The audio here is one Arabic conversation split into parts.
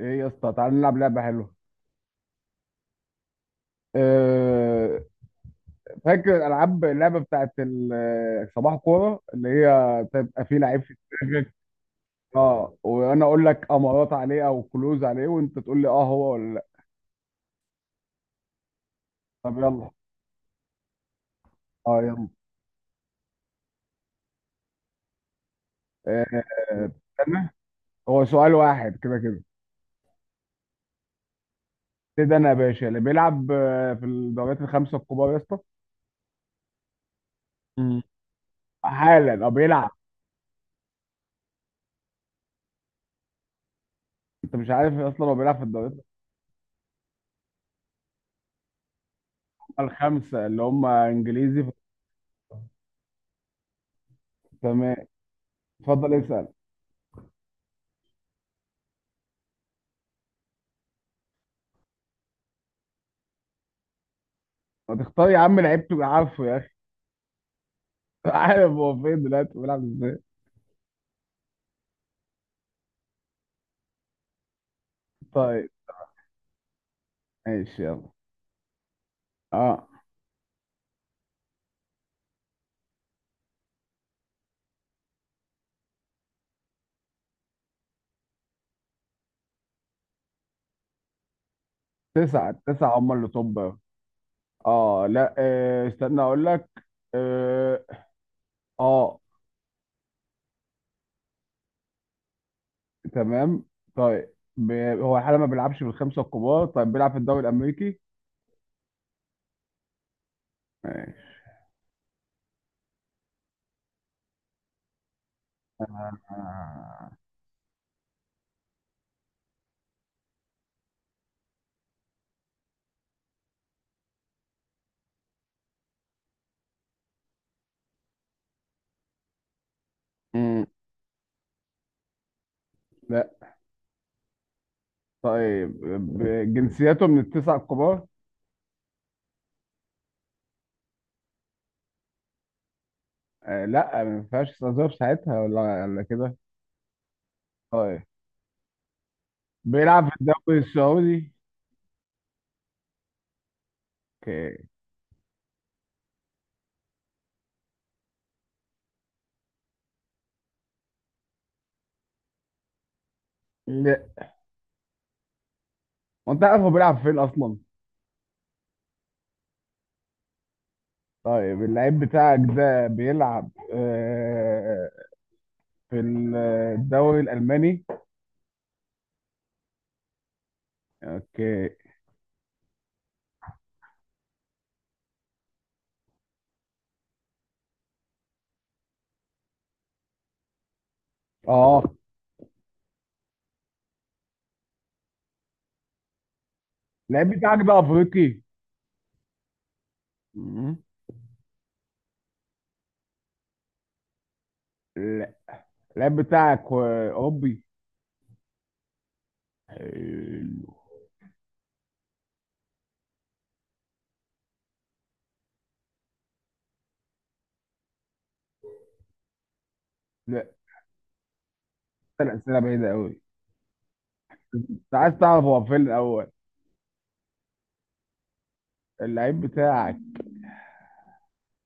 ايه يا اسطى، تعال نلعب لعبه حلوه. أه. فاكر العاب اللعبه بتاعت صباح كوره اللي هي تبقى فيه لعيب في دماغك. اه، وانا اقول لك امارات عليه او كلوز عليه، وانت تقول لي اه هو ولا لا. طب يلا. اه يلا. أه. استنى، هو سؤال واحد كده كده. ابتدي انا يا باشا. اللي بيلعب في الدوريات الخمسه الكبار يا اسطى. مم. حالا او بيلعب. انت مش عارف اصلا هو بيلعب في الدوريات الخمسه اللي هم انجليزي؟ تمام، اتفضل اسال. ما تختار يا عم لعيب تبقى عارفه يا اخي. عارف هو فين دلوقتي بيلعب ازاي. طيب، ماشي يلا. اه، تسعة التسعة هم اللي طب. اه لا، استنى اقول لك. اه, آه. تمام. طيب هو حالا ما بيلعبش بالخمسة الكبار. طيب بيلعب في الدوري الامريكي؟ ماشي. آه. مم. لا. طيب جنسياته من التسعة الكبار. آه لا، ما ينفعش استظهر ساعتها ولا كده. طيب، بيلعب في الدوري السعودي. اوكي. لا. وانت عارف هو بيلعب فين اصلا؟ طيب اللعيب بتاعك ده بيلعب في الدوري الالماني. اوكي. اه، اللعيب بتاعك ده افريقي؟ مم. لا، اللعيب بتاعك اوروبي. حلو. لا، ثلاث اسئله بعيده قوي. انت عايز تعرف هو فين الاول؟ اللعيب بتاعك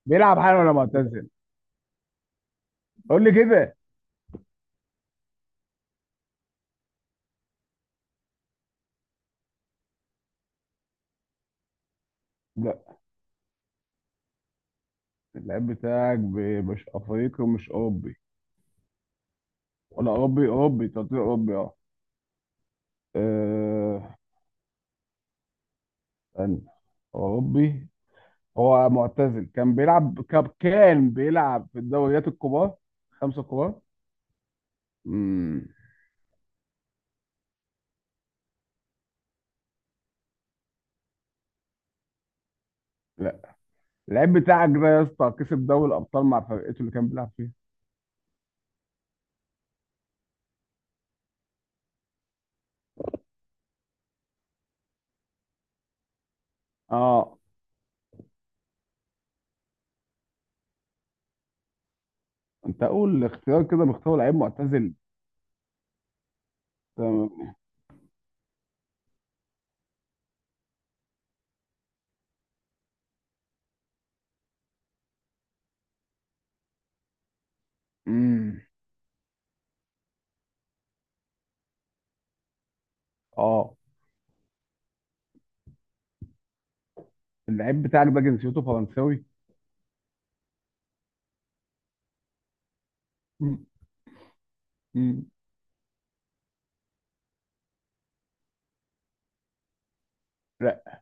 بيلعب حالا ولا معتزل؟ قول لي كده. لا، اللعيب بتاعك مش افريقي ومش اوروبي. ولا اوروبي، اوروبي تعتبر اوروبي اه. آه. استنى، هو اوروبي. هو معتزل، كان بيلعب كان بيلعب في الدوريات الكبار، خمسة كبار. امم. لا. اللعيب بتاعك ده يا اسطى كسب دوري الابطال مع فرقته اللي كان بيلعب فيها. اه، انت اقول اختيار كده، مختار لعيب معتزل. تمام. امم. اه، اللعيب بتاعك ده جنسيته فرنساوي؟ مم. مم. لا،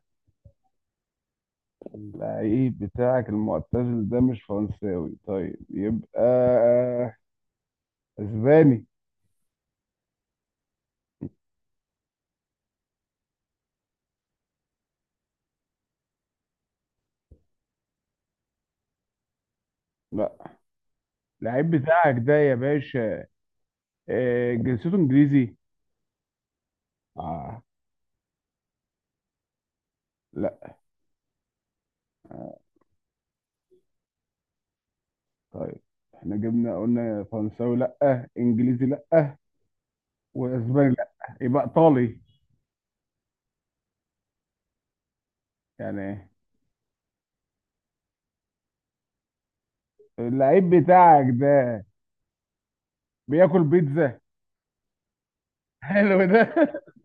اللعيب بتاعك المعتزل ده مش فرنساوي. طيب يبقى اسباني. لا، اللعيب بتاعك ده يا باشا جنسيته انجليزي. آه. لا. طيب احنا جبنا قلنا فرنساوي لا، انجليزي لا، واسباني لا. يبقى ايطالي يعني. اللعيب بتاعك ده بياكل بيتزا. حلو ده.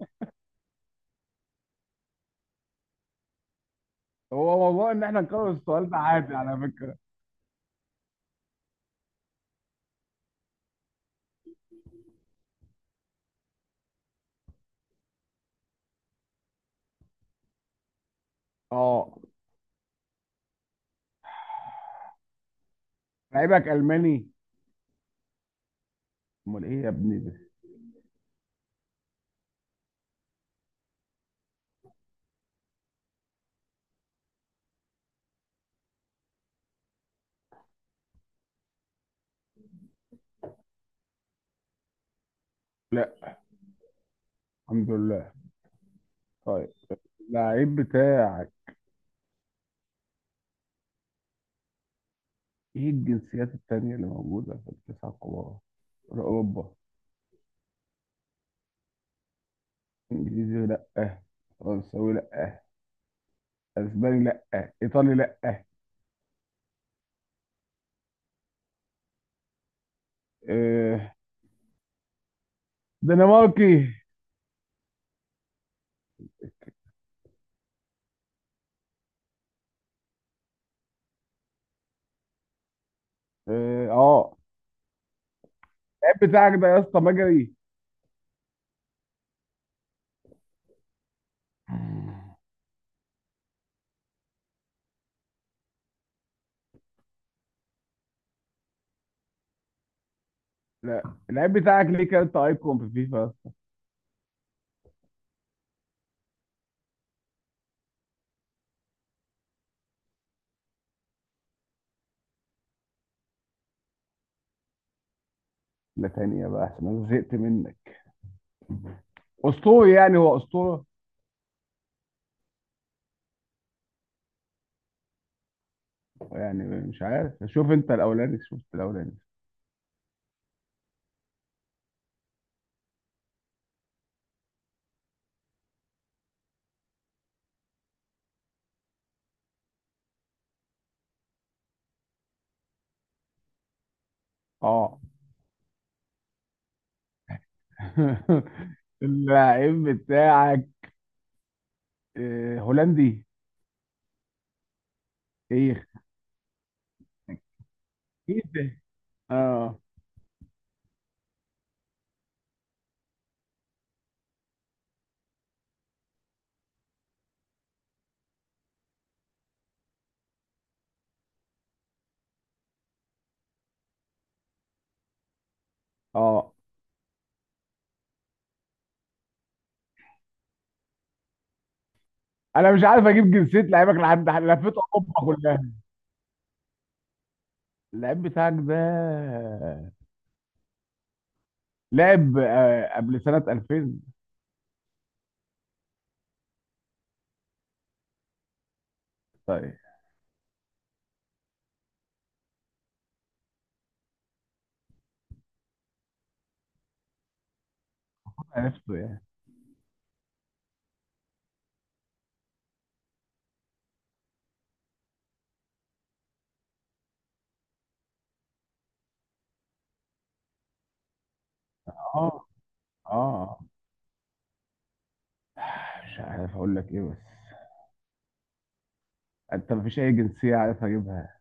هو موضوع ان احنا نكرر السؤال ده عادي على فكرة. اه، لعيبك الماني؟ امال ايه يا ابني ده؟ لا. الحمد لله. طيب، اللعيب بتاعك، ايه الجنسيات التانية اللي موجودة في التسعة الكبار، اوروبا؟ انجليزي لا، فرنساوي لا، اسباني لا، ايطالي لا، آه، دنماركي. اه. آه. اللعيب بتاعك ده يا اسطى مجري؟ لا. اللعيب بتاعك ليه كارت ايكون في فيفا؟ لا تانية بقى عشان انا زهقت منك. اسطوري يعني، هو اسطوره يعني. مش عارف، شوف انت الاولاني، شوف انت الاولاني. اه. اللعيب بتاعك هولندي. ايه؟ ايه ده؟ اه. اه. انا مش عارف اجيب جنسيه لعيبك، لحد لفيت اوروبا كلها. اللعيب بتاعك ده لعب قبل سنة 2000. طيب عرفته يعني. اه. اه مش عارف اقول لك ايه بس. انت مفيش اي جنسية عارف اجيبها.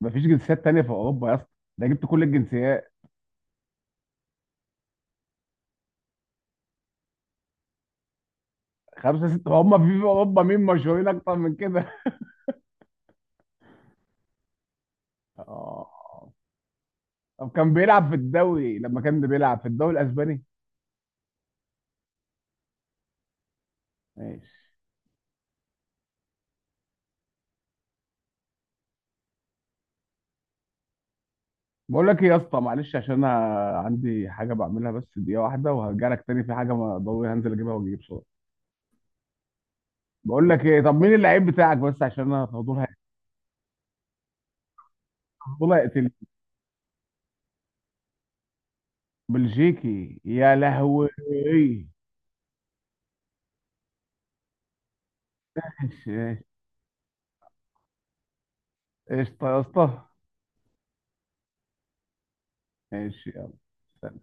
مفيش جنسيات تانية في اوروبا يا اسطى. ده جبت كل الجنسيات. خمسة ستة هم في اوروبا، مين مشهورين اكتر من كده؟ اه. طب كان بيلعب في الدوري، لما كان بيلعب في الدوري الاسباني. ماشي. بقول لك ايه يا اسطى، معلش، عشان انا عندي حاجة بعملها بس دقيقة واحدة وهرجع لك تاني، في حاجة ما ضروري هنزل اجيبها واجيب صورة. بقول لك ايه، طب مين اللعيب بتاعك بس عشان انا فضول فضول هيقتل. بلجيكي يا لهوي. ماشي. ماشي. قشطه يا اسطى. ماشي يلا